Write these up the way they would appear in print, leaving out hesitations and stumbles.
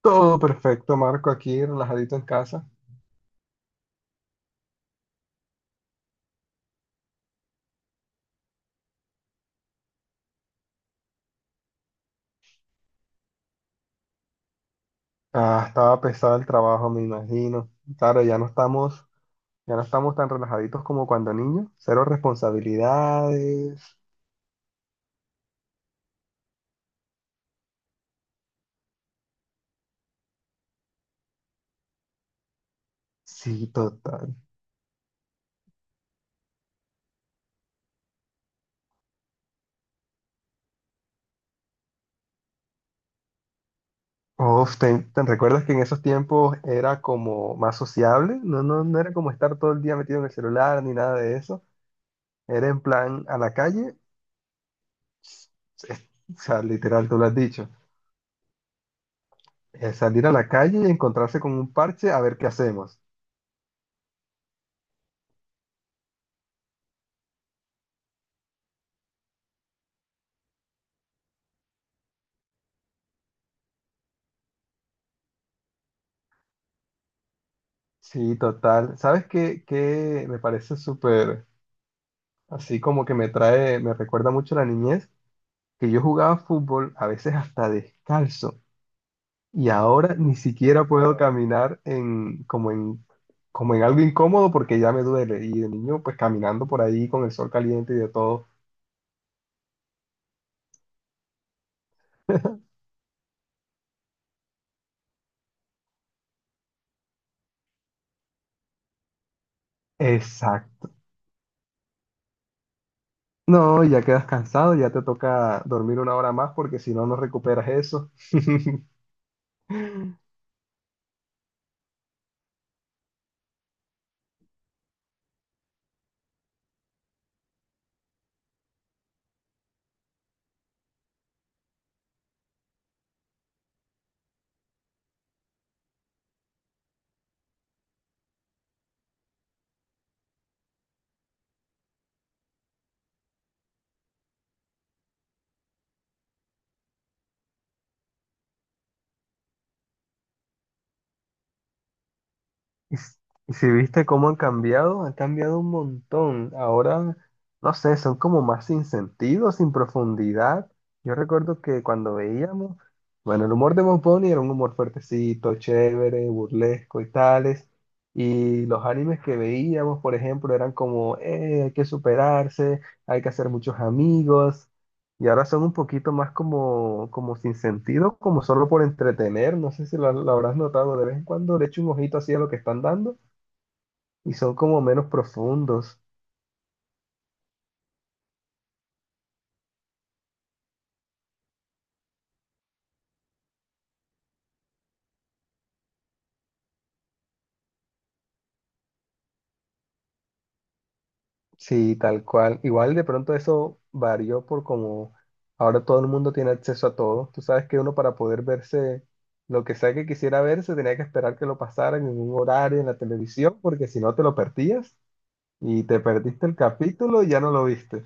Todo perfecto, Marco, aquí relajadito en casa. Ah, estaba pesado el trabajo, me imagino. Claro, ya no estamos tan relajaditos como cuando niños. Cero responsabilidades. Sí, total. Uf, ¿te recuerdas que en esos tiempos era como más sociable? No, no era como estar todo el día metido en el celular ni nada de eso. Era en plan a la calle, es- o sea, literal, tú lo has dicho. Salir a la calle y encontrarse con un parche a ver qué hacemos. Sí, total. ¿Sabes qué, qué me parece súper, así como que me trae, me recuerda mucho a la niñez, que yo jugaba fútbol a veces hasta descalzo y ahora ni siquiera puedo caminar en, como en algo incómodo porque ya me duele? Y de niño, pues caminando por ahí con el sol caliente y de todo. Exacto. No, ya quedas cansado, ya te toca dormir una hora más porque si no, no recuperas eso. Y, s- y si viste cómo han cambiado un montón. Ahora, no sé, son como más sin sentido, sin profundidad. Yo recuerdo que cuando veíamos, bueno, el humor de Bob Bunny era un humor fuertecito, chévere, burlesco y tales. Y los animes que veíamos, por ejemplo, eran como, hay que superarse, hay que hacer muchos amigos. Y ahora son un poquito más como, como sin sentido, como solo por entretener. No sé si lo habrás notado. De vez en cuando le echo un ojito así a lo que están dando y son como menos profundos. Sí, tal cual. Igual de pronto eso varió por como ahora todo el mundo tiene acceso a todo. Tú sabes que uno para poder verse lo que sea que quisiera verse tenía que esperar que lo pasaran en un horario en la televisión, porque si no te lo perdías y te perdiste el capítulo y ya no lo viste.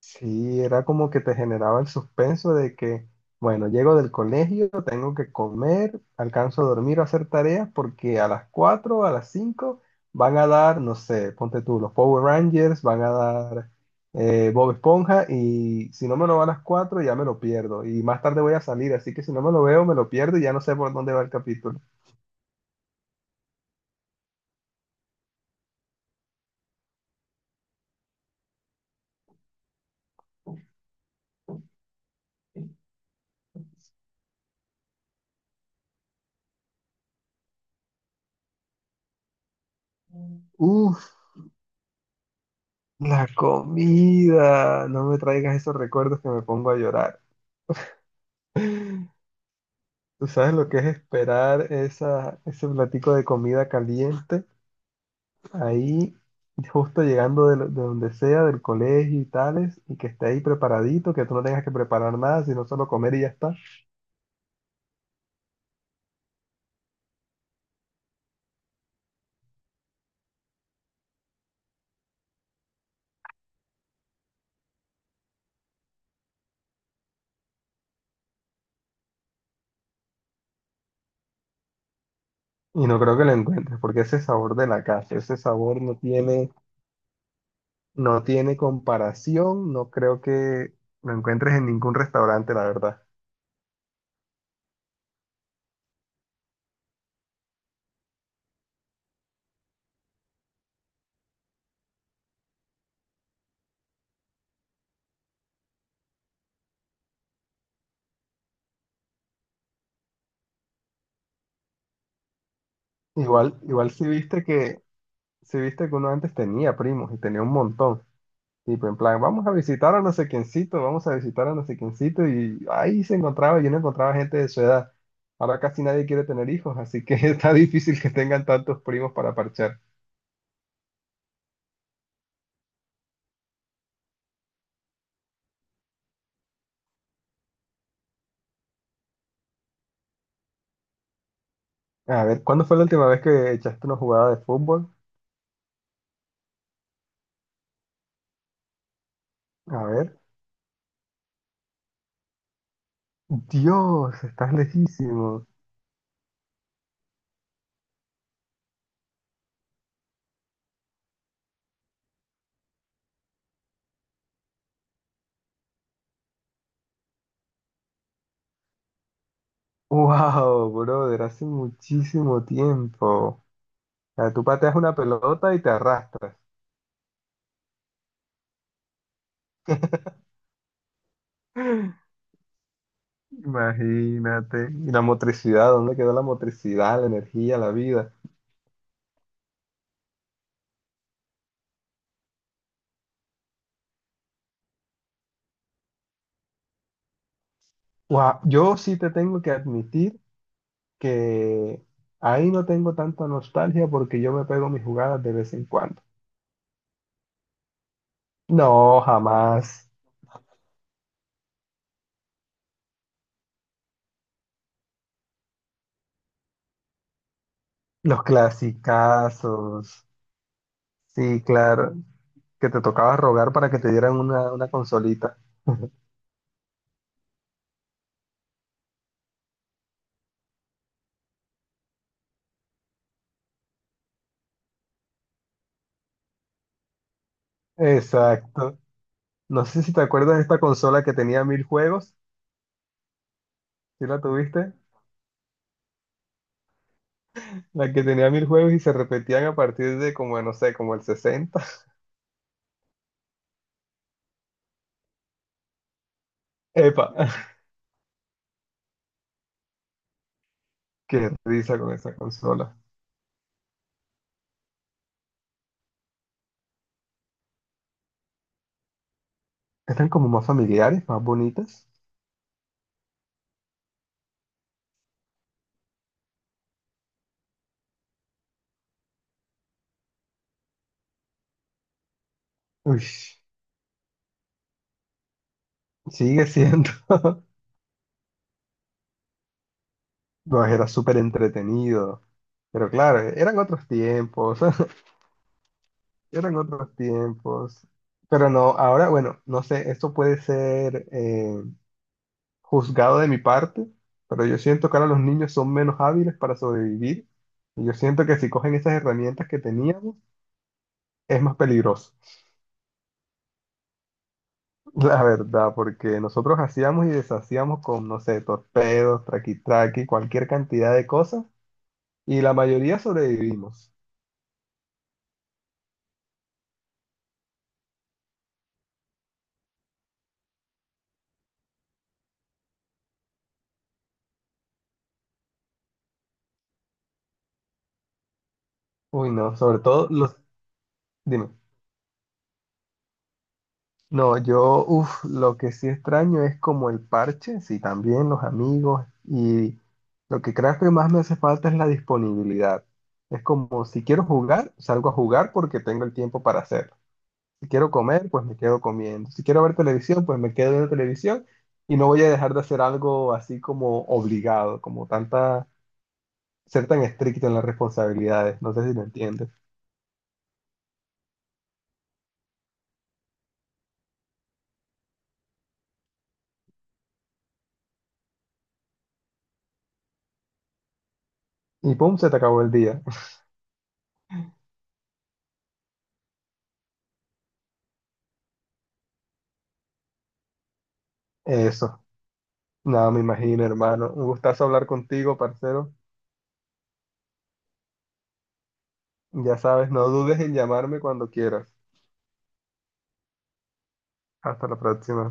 Sí, era como que te generaba el suspenso de que, bueno, llego del colegio, tengo que comer, alcanzo a dormir o hacer tareas porque a las 4, a las 5 van a dar, no sé, ponte tú, los Power Rangers, van a dar Bob Esponja, y si no me lo va a las 4 ya me lo pierdo y más tarde voy a salir, así que si no me lo veo me lo pierdo y ya no sé por dónde va el capítulo. Uf, la comida, no me traigas esos recuerdos que me pongo a llorar. ¿Tú sabes lo que es esperar esa, ese platico de comida caliente ahí, justo llegando de, de donde sea, del colegio y tales, y que esté ahí preparadito, que tú no tengas que preparar nada, sino solo comer y ya está? Y no creo que lo encuentres, porque ese sabor de la casa, ese sabor no tiene, no tiene comparación, no creo que lo encuentres en ningún restaurante, la verdad. Igual, si viste que uno antes tenía primos y tenía un montón. Tipo, en plan, vamos a visitar a no sé quiéncito, vamos a visitar a no sé quiéncito, y ahí se encontraba, yo no encontraba gente de su edad. Ahora casi nadie quiere tener hijos, así que está difícil que tengan tantos primos para parchar. A ver, ¿cuándo fue la última vez que echaste una jugada de fútbol? A ver. Dios, estás lejísimo. Wow, brother, hace muchísimo tiempo. O sea, tú pateas una pelota y te arrastras. Imagínate. Y la motricidad, ¿dónde quedó la motricidad, la energía, la vida? Guau, yo sí te tengo que admitir que ahí no tengo tanta nostalgia porque yo me pego mis jugadas de vez en cuando. No, jamás. Los clasicazos. Sí, claro. Que te tocaba rogar para que te dieran una consolita. Exacto. No sé si te acuerdas de esta consola que tenía mil juegos. ¿Sí la tuviste? La que tenía mil juegos y se repetían a partir de como, no sé, como el 60. Epa, qué risa con esa consola. Eran como más familiares, más bonitas. Uy, sigue siendo. No, era súper entretenido. Pero claro, eran otros tiempos. Eran otros tiempos. Pero no, ahora, bueno, no sé, esto puede ser juzgado de mi parte, pero yo siento que ahora los niños son menos hábiles para sobrevivir. Y yo siento que si cogen esas herramientas que teníamos, es más peligroso. La verdad, porque nosotros hacíamos y deshacíamos con, no sé, torpedos, traqui-traqui, cualquier cantidad de cosas, y la mayoría sobrevivimos. Uy, no, sobre todo los... Dime. No, yo, uff, lo que sí extraño es como el parche, sí, también los amigos, y lo que creo que más me hace falta es la disponibilidad. Es como, si quiero jugar, salgo a jugar porque tengo el tiempo para hacerlo. Si quiero comer, pues me quedo comiendo. Si quiero ver televisión, pues me quedo viendo televisión y no voy a dejar de hacer algo así como obligado, como tanta, ser tan estricto en las responsabilidades. No sé si me entiendes. Y pum, se te acabó el día. Eso. Nada, me imagino, hermano. Un gustazo hablar contigo, parcero. Ya sabes, no dudes en llamarme cuando quieras. Hasta la próxima.